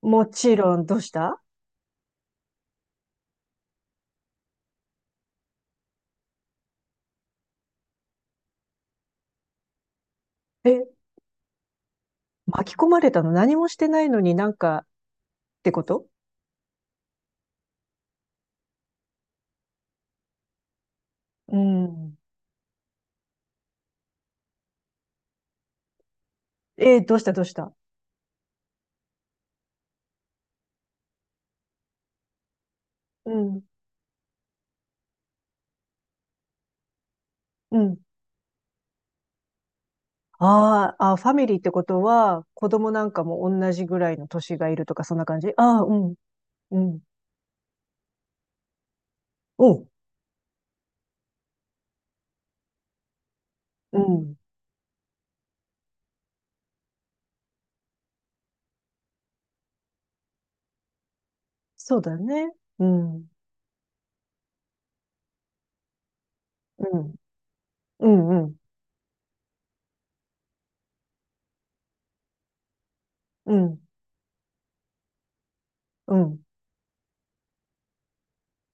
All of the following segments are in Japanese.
もちろん、どうした。え、巻き込まれたの？何もしてないのになんかってこと？うん。えー、どうしたどうした。うん、うん。あーあ、ファミリーってことは、子供なんかも同じぐらいの年がいるとか、そんな感じ？ああー、うん、うん、おう、うん。そうだね。うん、うん、うん、うん、うん、うん。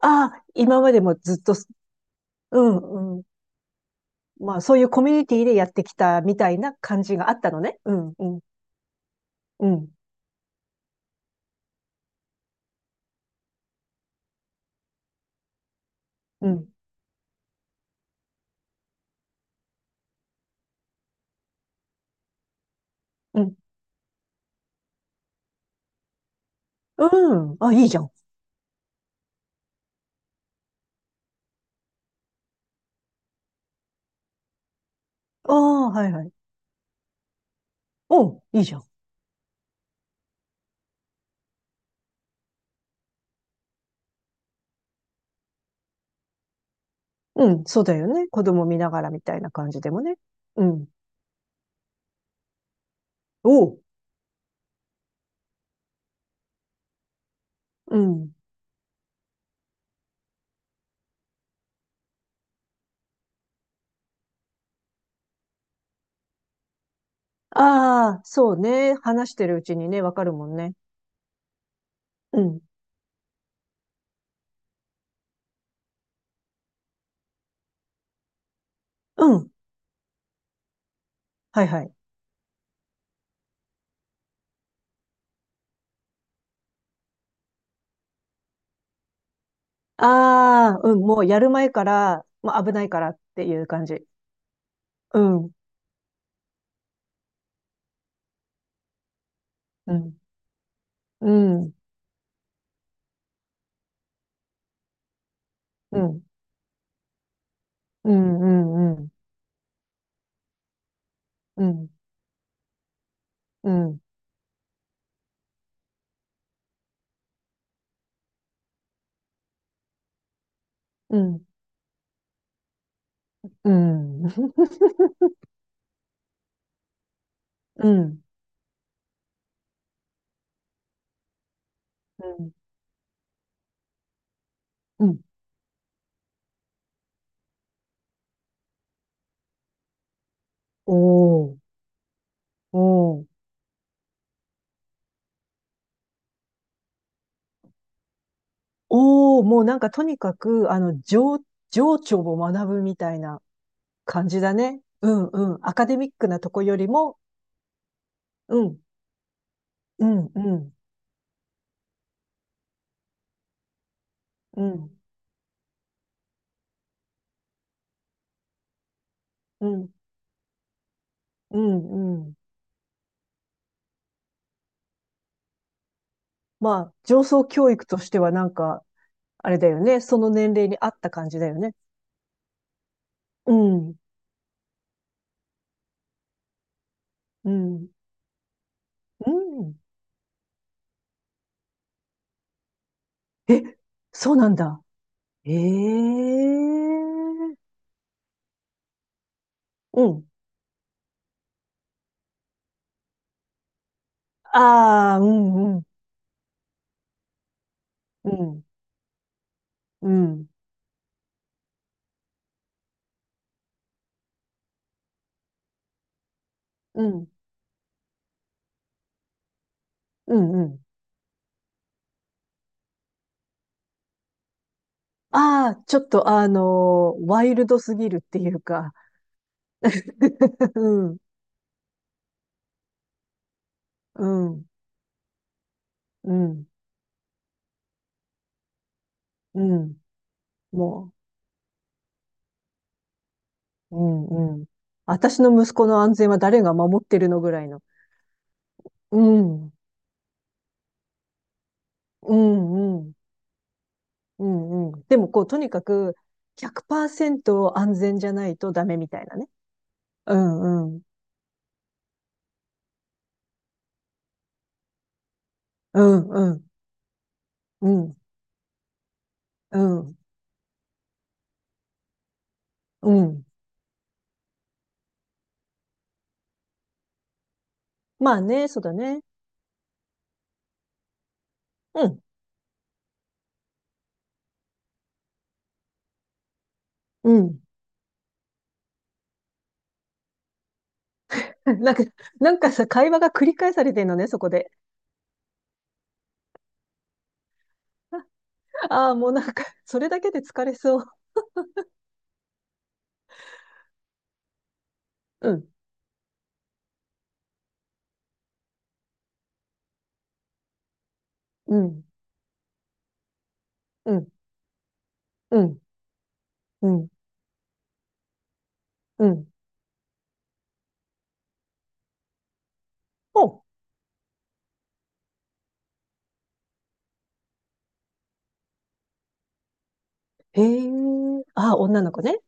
ああ、今までもずっと、うん、うん。まあ、そういうコミュニティでやってきたみたいな感じがあったのね。うん、うん、うん、うん。うんうん。あ、いいじゃん。ああ、はいはい。うん、いいじゃん。うん、そうだよね。子供見ながらみたいな感じでもね。うん。おう。うん。ああ、そうね。話してるうちにね、わかるもんね。うん。うん。はいはい。ああ、うん。もうやる前から、まあ、危ないからっていう感じ。うん。うん。うん。うん。うん。うん。うん。うん。うん。うん。うん。うん。うん。おお。おお。おお、もうなんかとにかく、情緒を学ぶみたいな感じだね。うんうん。アカデミックなとこよりも、うん、うん、うん、うん、うん、うん、うん。まあ、情操教育としてはなんか、あれだよね。その年齢に合った感じだよね。うん、うん、うん。え、そうなんだ。ええ、うん。ああ、うん、うん、うん、うん、うん、うん、うん。ああ、ちょっとワイルドすぎるっていうか。うん、うん、うん、うん。もう、うん、うん。私の息子の安全は誰が守ってるのぐらいの。うん、うん、うん、うん、うん。でもこう、とにかく100%安全じゃないとダメみたいなね。うん、うん、うん、うん、うん、うん、うん。まあね、そうだね。うん、うん。なんか、なんかさ、会話が繰り返されてんのね、そこで。ああ、もうなんか、それだけで疲れそう。うん、うん、うん、うん、うん、うん。ほう、へえ。ああ、女の子ね。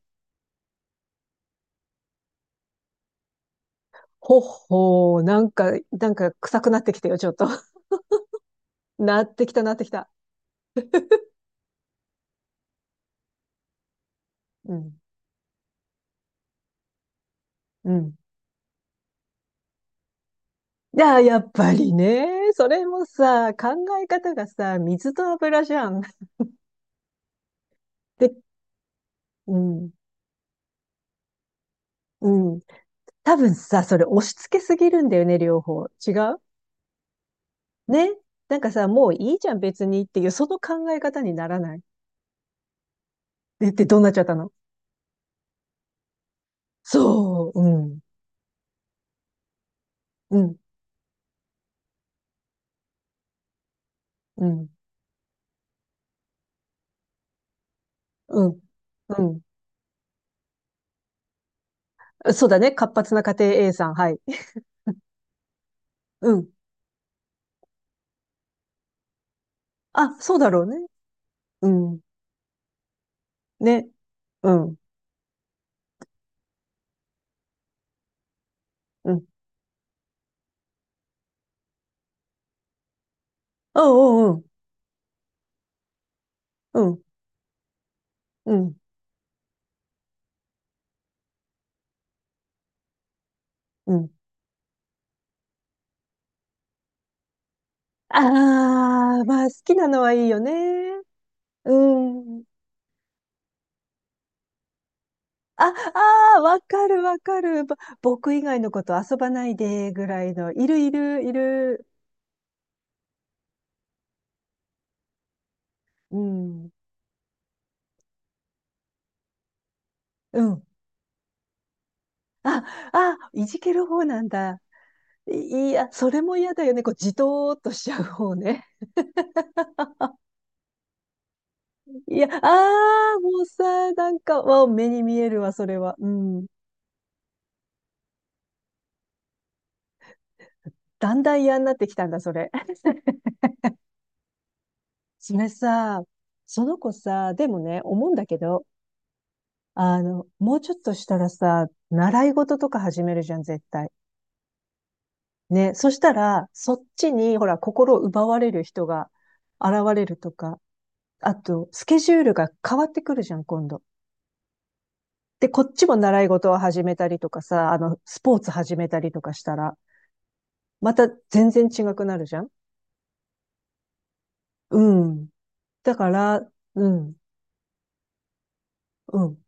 ほほう、なんか、なんか臭くなってきたよ、ちょっと。なってきた、なってきた。う。うん、うん。いや、やっぱりね。それもさ、考え方がさ、水と油じゃん。で、うん、うん。多分さ、それ押し付けすぎるんだよね、両方。違うね。なんかさ、もういいじゃん、別にっていう、その考え方にならない。で、どうなっちゃったの？そう、うん、うん、うん、うん、うん。そうだね。活発な家庭 A さん、はい。うん。あ、そうだろうね。うん。ね。うん、うん。うん、うん、うん、うん、うん。ああ、まあ、好きなのはいいよね。うん。あ、ああ、わかるわかる。僕以外のこと遊ばないで、ぐらいの。いるいるいる。うん。うん。あ、あ、いじける方なんだ。いや、それも嫌だよね。こう、じとーっとしちゃう方ね。いや、あー、もうさ、なんか、わ、目に見えるわ、それは。うん。だんだん嫌になってきたんだ、それ。それさ、その子さ、でもね、思うんだけど、あの、もうちょっとしたらさ、習い事とか始めるじゃん、絶対。ね、そしたら、そっちに、ほら、心を奪われる人が現れるとか、あと、スケジュールが変わってくるじゃん、今度。で、こっちも習い事を始めたりとかさ、あの、スポーツ始めたりとかしたら、また全然違くなるじゃん。うん。だから、うん、うん。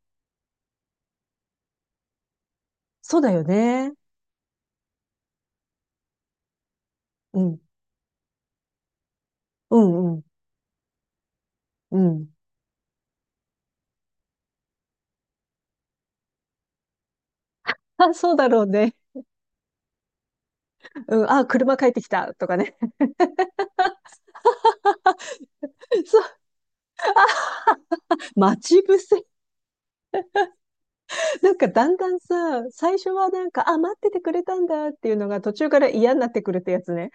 そうだよね。うん、うん、うん、うん。あ、そうだろうね。うん、あ、車帰ってきたとかね。そう、待ち伏せ。なんかだんだんさ、最初はなんか、あ、待っててくれたんだっていうのが途中から嫌になってくるってやつね。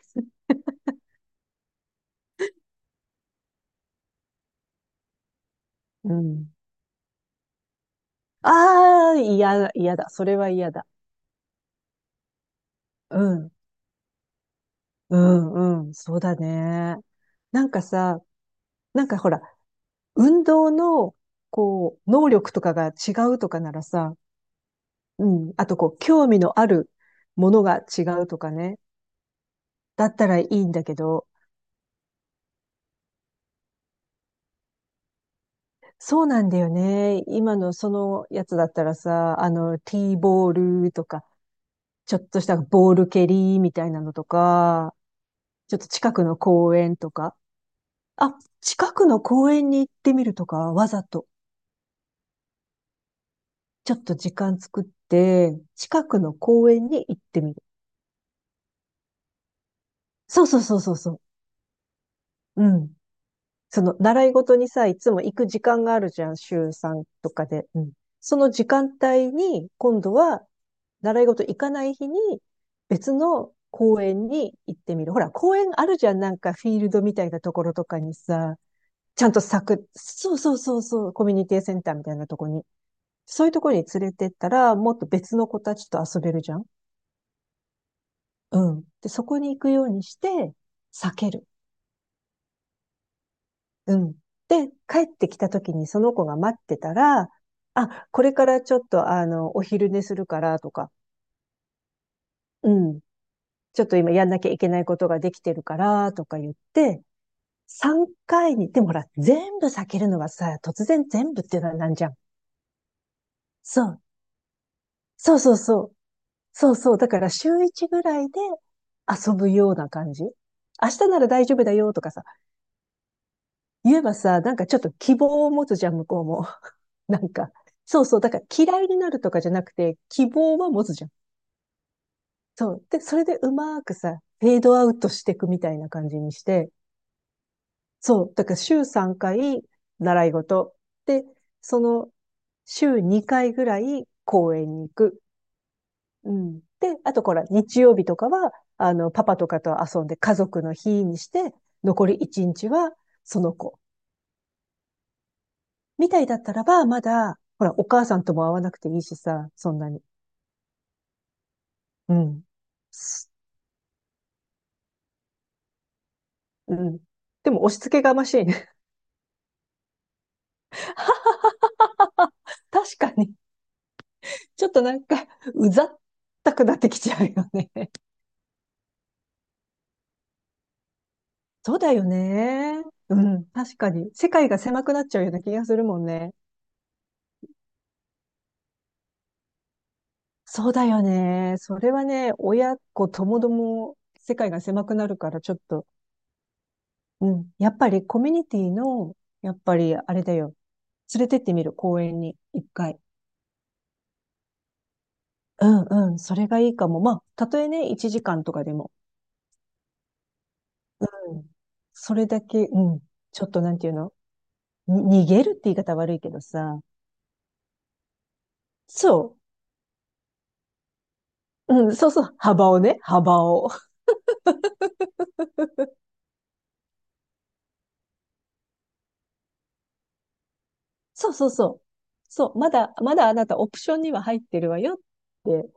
うん。ああ、嫌だ、嫌だ。それは嫌だ。うん。うんうん、そうだね。なんかさ、なんかほら、運動の、こう、能力とかが違うとかならさ、うん、あとこう、興味のあるものが違うとかね、だったらいいんだけど、そうなんだよね。今のそのやつだったらさ、あの、ティーボールとか、ちょっとしたボール蹴りみたいなのとか、ちょっと近くの公園とか、あ、近くの公園に行ってみるとか、わざと。ちょっと時間作って、近くの公園に行ってみる。そうそうそうそうそう。うん。その、習い事にさ、いつも行く時間があるじゃん、週さんとかで。うん。その時間帯に、今度は、習い事行かない日に、別の公園に行ってみる。ほら、公園あるじゃん、なんかフィールドみたいなところとかにさ、ちゃんと咲く。そうそうそうそう、コミュニティセンターみたいなとこに。そういうところに連れてったら、もっと別の子たちと遊べるじゃん。うん。で、そこに行くようにして、避ける。うん。で、帰ってきた時にその子が待ってたら、あ、これからちょっとあの、お昼寝するからとか、うん。ちょっと今やんなきゃいけないことができてるからとか言って、3回に、でもほら、全部避けるのはさ、突然全部っていうのはなんじゃん。そう。そうそうそう。そうそう。だから週1ぐらいで遊ぶような感じ。明日なら大丈夫だよとかさ、言えばさ、なんかちょっと希望を持つじゃん、向こうも。なんか、そうそう、だから嫌いになるとかじゃなくて、希望は持つじゃん。そう。で、それでうまくさ、フェードアウトしていくみたいな感じにして、そう。だから週3回習い事。で、その週2回ぐらい公園に行く。うん。で、あとこら、日曜日とかは、あの、パパとかと遊んで家族の日にして、残り1日はその子。みたいだったらば、まだ、ほら、お母さんとも会わなくていいしさ、そんなに。うん。うん。でも押し付けがましいね。確かに。ちょっとなんか、うざったくなってきちゃうよね。そうだよね。うん。確かに。世界が狭くなっちゃうような気がするもんね。そうだよね。それはね、親子ともども世界が狭くなるからちょっと、うん。やっぱりコミュニティの、やっぱりあれだよ。連れてってみる、公園に、一回。うんうん。それがいいかも。まあ、たとえね、1時間とかでも。うん。それだけ、うん。ちょっとなんていうの、に逃げるって言い方悪いけどさ。そう。うん、そうそう。幅をね、幅を。そうそうそう。そう。まだ、まだあなたオプションには入ってるわよって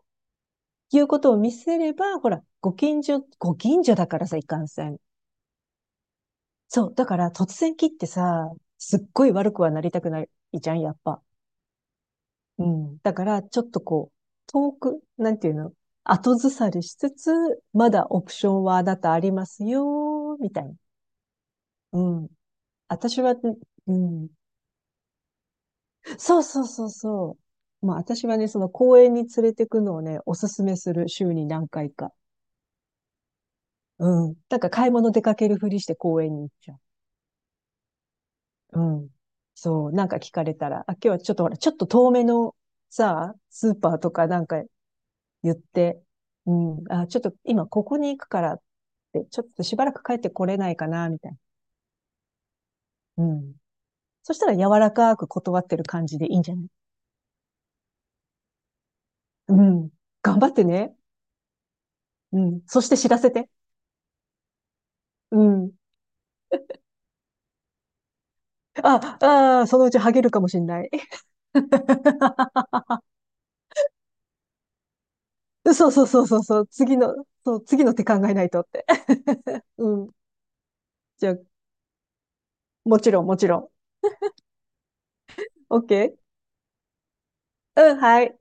いうことを見せれば、ほら、ご近所、ご近所だからさ、いかんせん。そう。だから突然切ってさ、すっごい悪くはなりたくないじゃん、やっぱ。うん。だから、ちょっとこう、遠く、なんていうの、後ずさりしつつ、まだオプションはあなたありますよ、みたいな。うん。私は、うん、そうそうそうそう。まあ私はね、その公園に連れてくのをね、おすすめする、週に何回か。うん。なんか買い物出かけるふりして公園に行っちゃう。うん。そう。なんか聞かれたら、あ、今日はちょっとほら、ちょっと遠めのさ、スーパーとかなんか言って、うん。あ、ちょっと今ここに行くからって、ちょっとしばらく帰ってこれないかな、みたいな。うん。そしたら柔らかく断ってる感じでいいんじゃない？うん。頑張ってね。うん。そして知らせて。うん。あ、ああ、そのうちハゲるかもしんない。そうそうそうそうそう、次の、そう、次の手考えないとって。うん。じゃあ、もちろん、もちろん。OK？ うん、はい。